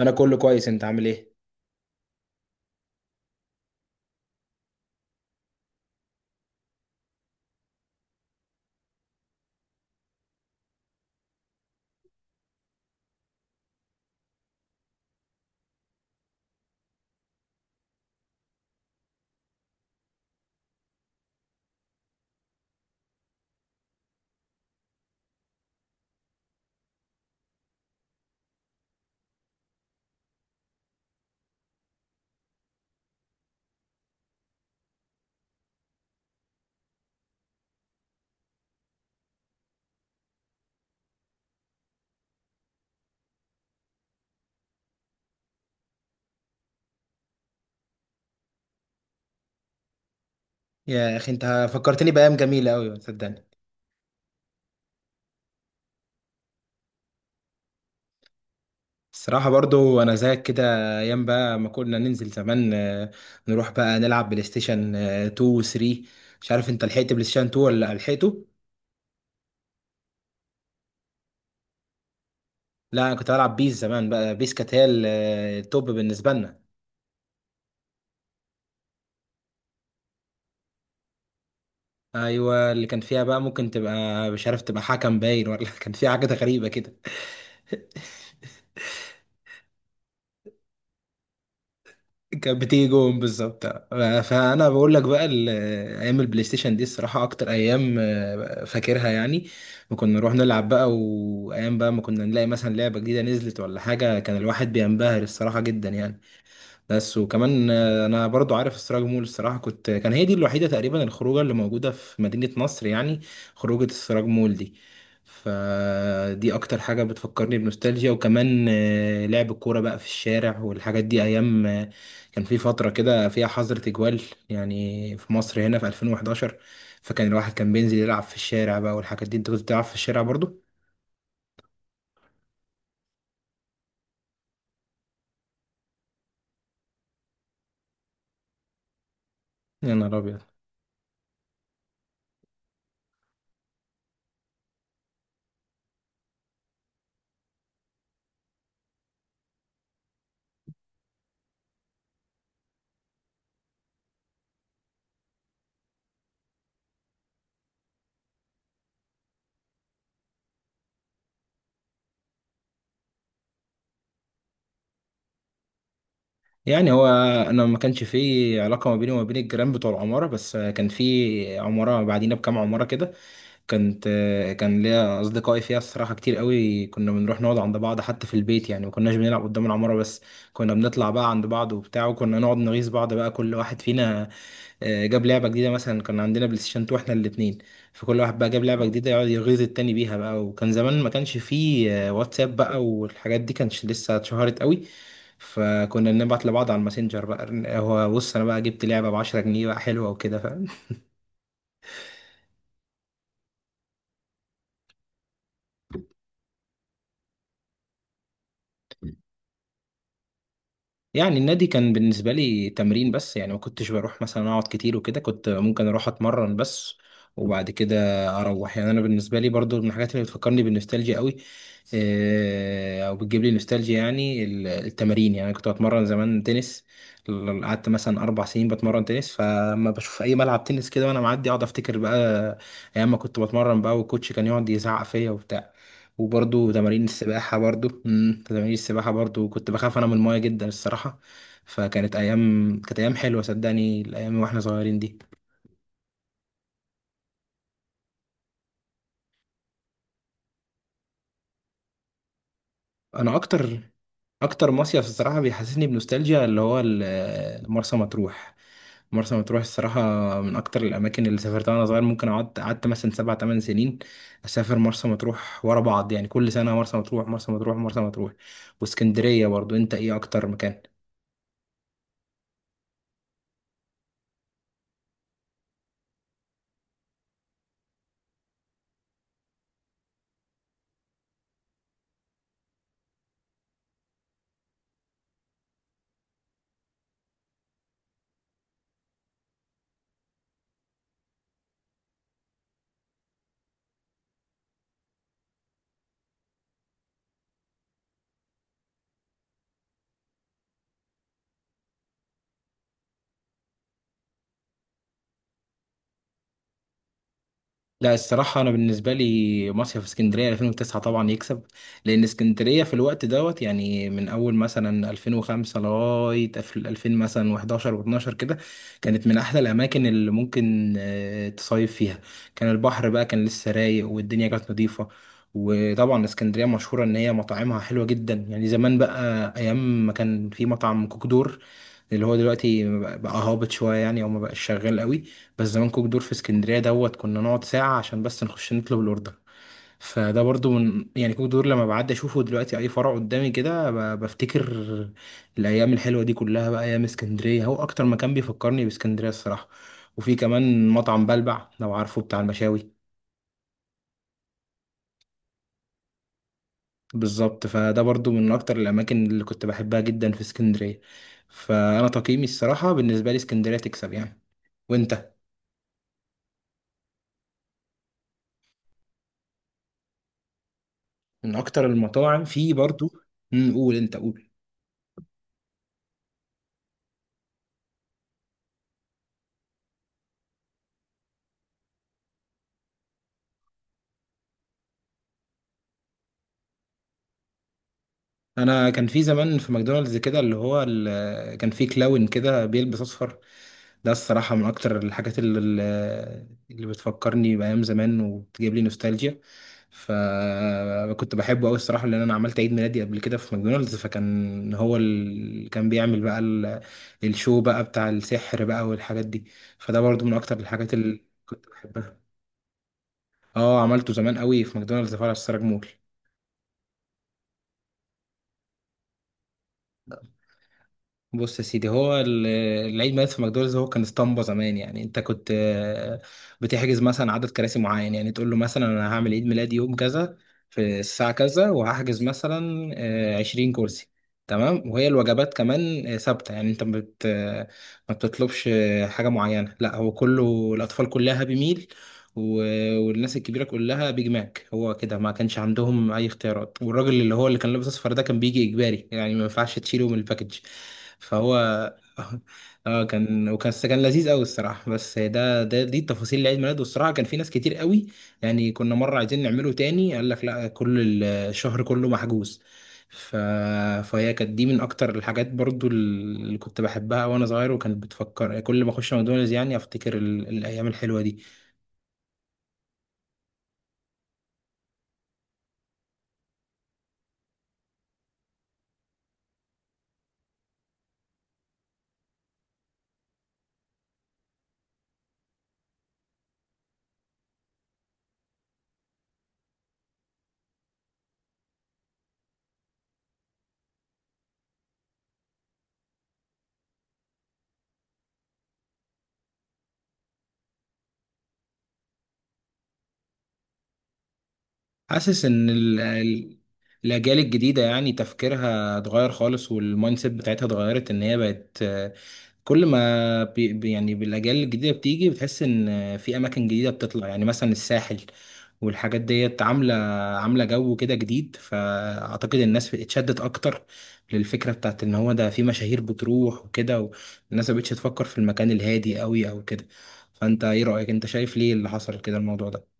انا كله كويس، انت عامل ايه؟ يا اخي انت فكرتني بايام جميله قوي، صدقني. الصراحه برضو انا زيك كده. ايام بقى ما كنا ننزل زمان، نروح بقى نلعب بلاي ستيشن 2 و 3. مش عارف انت لحقت بلاي ستيشن 2 ولا لحقته. لا انا كنت بلعب بيس زمان بقى، بيس كانت هي التوب بالنسبه لنا. ايوه، اللي كان فيها بقى ممكن تبقى مش عارف، تبقى حكم باين ولا كان فيها حاجه غريبه كده. كانت بتيجي جون بالظبط. فانا بقول لك بقى ايام البلاي ستيشن دي الصراحه اكتر ايام، فاكرها يعني. وكنا نروح نلعب بقى. وايام بقى ما كنا نلاقي مثلا لعبه جديده نزلت ولا حاجه، كان الواحد بينبهر الصراحه جدا يعني. بس، وكمان انا برضو عارف السراج مول الصراحه، كان هي دي الوحيده تقريبا الخروجه اللي موجوده في مدينه نصر يعني. خروجه السراج مول دي. فدي اكتر حاجه بتفكرني بنوستالجيا. وكمان لعب الكوره بقى في الشارع والحاجات دي ايام كان في فتره كده فيها حظر تجوال، يعني في مصر هنا في 2011. فكان الواحد كان بينزل يلعب في الشارع بقى والحاجات دي. انت كنت بتلعب في الشارع برضو؟ يا نهار ابيض! يعني هو انا ما كانش في علاقه ما بيني وما بين الجيران بتوع العماره، بس كان في عماره بعدينا بكام عماره كده. كانت كان ليا اصدقائي فيها الصراحه كتير قوي. كنا بنروح نقعد عند بعض حتى في البيت، يعني ما كناش بنلعب قدام العماره بس. كنا بنطلع بقى عند بعض وبتاع، وكنا نقعد نغيظ بعض بقى. كل واحد فينا جاب لعبة جديدة مثلا. كان عندنا بلاي ستيشن 2 احنا الاتنين. فكل واحد بقى جاب لعبة جديدة يقعد يغيظ التاني بيها بقى. وكان زمان ما كانش فيه واتساب بقى والحاجات دي، كانش لسه اتشهرت قوي. فكنا بنبعت لبعض على الماسنجر بقى. هو بص انا بقى جبت لعبة ب 10 جنيه بقى حلوة وكده، فاهم؟ يعني النادي كان بالنسبة لي تمرين بس، يعني ما كنتش بروح مثلا أقعد كتير وكده، كنت ممكن أروح أتمرن بس. وبعد كده أروح. يعني أنا بالنسبة لي برضو من الحاجات اللي بتفكرني بالنوستالجيا قوي، أو بتجيب لي نوستالجيا يعني التمارين. يعني أنا كنت بتمرن زمان تنس. قعدت مثلا 4 سنين بتمرن تنس. فلما بشوف أي ملعب تنس كده وأنا معدي أقعد أفتكر بقى أيام ما كنت بتمرن بقى والكوتش كان يقعد يزعق فيا وبتاع. وبرضو تمارين السباحة برضو كنت بخاف أنا من الماية جدا الصراحة. فكانت أيام حلوة صدقني، الأيام وإحنا صغيرين دي. أنا أكتر مصيف الصراحة بيحسسني بنوستالجيا اللي هو مرسى مطروح. مرسى مطروح الصراحة من أكتر الأماكن اللي سافرتها وأنا صغير. ممكن قعدت مثلا سبع تمن سنين أسافر مرسى مطروح ورا بعض، يعني كل سنة مرسى مطروح، مرسى مطروح، مرسى مطروح. واسكندرية برضو. أنت إيه أكتر مكان؟ لا الصراحة، أنا بالنسبة لي مصيف اسكندرية 2009 طبعا يكسب. لأن اسكندرية في الوقت دوت، يعني من أول مثلا 2005 لغاية 2000 مثلا و11 و12 كده، كانت من أحلى الأماكن اللي ممكن تصيف فيها. كان البحر بقى، كان لسه رايق والدنيا كانت نظيفة. وطبعا اسكندرية مشهورة إن هي مطاعمها حلوة جدا، يعني زمان بقى أيام ما كان في مطعم كوكدور اللي هو دلوقتي بقى هابط شوية، يعني او ما بقاش شغال قوي. بس زمان كوك دور في اسكندرية دوت كنا نقعد ساعة عشان بس نخش نطلب الاوردر. فده برضو من، يعني كوك دور لما بعدي اشوفه دلوقتي اي فرع قدامي كده بفتكر الايام الحلوة دي كلها بقى. ايام اسكندرية هو اكتر مكان بيفكرني باسكندرية الصراحة. وفي كمان مطعم بلبع، لو عارفه، بتاع المشاوي. بالظبط. فده برضو من اكتر الاماكن اللي كنت بحبها جدا في اسكندرية. فانا تقييمي الصراحة بالنسبة لي اسكندرية تكسب يعني. وانت؟ من اكتر المطاعم في برضو. مم، قول انت قول. انا كان في زمان في ماكدونالدز كده، اللي هو كان في كلاون كده بيلبس اصفر. ده الصراحه من اكتر الحاجات اللي بتفكرني بايام زمان وبتجيب لي نوستالجيا. فكنت بحبه قوي الصراحه، لان انا عملت عيد ميلادي قبل كده في ماكدونالدز. فكان هو اللي كان بيعمل بقى الشو بقى بتاع السحر بقى والحاجات دي. فده برضو من اكتر الحاجات اللي كنت بحبها. اه، عملته زمان قوي في ماكدونالدز فرع السراج مول. بص يا سيدي، هو العيد ميلاد في ماكدونالدز هو كان اسطمبة زمان، يعني انت كنت بتحجز مثلا عدد كراسي معين. يعني تقول له مثلا انا هعمل عيد ميلادي يوم كذا، في الساعة كذا، وهحجز مثلا 20 كرسي. تمام. وهي الوجبات كمان ثابتة. يعني انت ما بتطلبش حاجة معينة. لا هو كله، الأطفال كلها هابي ميل. والناس الكبيره كلها بيج ماك. هو كده، ما كانش عندهم اي اختيارات. والراجل اللي هو اللي كان لابس اصفر ده كان بيجي اجباري، يعني ما ينفعش تشيله من الباكج. فهو. اه، كان لذيذ قوي الصراحه. بس ده ده دي التفاصيل لعيد ميلاده، والصراحه كان في ناس كتير قوي. يعني كنا مره عايزين نعمله تاني، قال لك لا، كل الشهر كله محجوز. ف... فهي كانت دي من اكتر الحاجات برضو اللي كنت بحبها وانا صغير، وكانت بتفكر كل ما اخش ماكدونالدز يعني افتكر الايام الحلوه دي. حاسس ان الاجيال الجديده يعني تفكيرها اتغير خالص، والمايند سيت بتاعتها اتغيرت. ان هي بقت، كل ما يعني بالاجيال الجديده بتيجي بتحس ان في اماكن جديده بتطلع يعني مثلا الساحل والحاجات ديت عامله جو كده جديد. فاعتقد الناس اتشدت اكتر للفكره بتاعت ان هو ده في مشاهير بتروح وكده. والناس مبقتش تفكر في المكان الهادي قوي او كده. فانت ايه رايك، انت شايف ليه اللي حصل كده الموضوع ده؟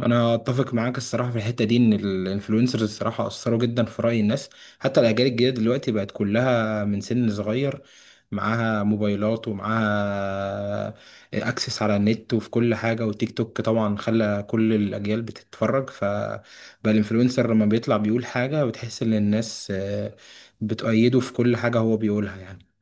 انا اتفق معاك الصراحه في الحته دي، ان الانفلونسرز الصراحه اثروا جدا في راي الناس. حتى الاجيال الجديده دلوقتي بقت كلها من سن صغير، معاها موبايلات ومعاها اكسس على النت وفي كل حاجه، وتيك توك طبعا خلى كل الاجيال بتتفرج. فبقى الانفلونسر لما بيطلع بيقول حاجه بتحس ان الناس بتؤيده في كل حاجه هو بيقولها يعني.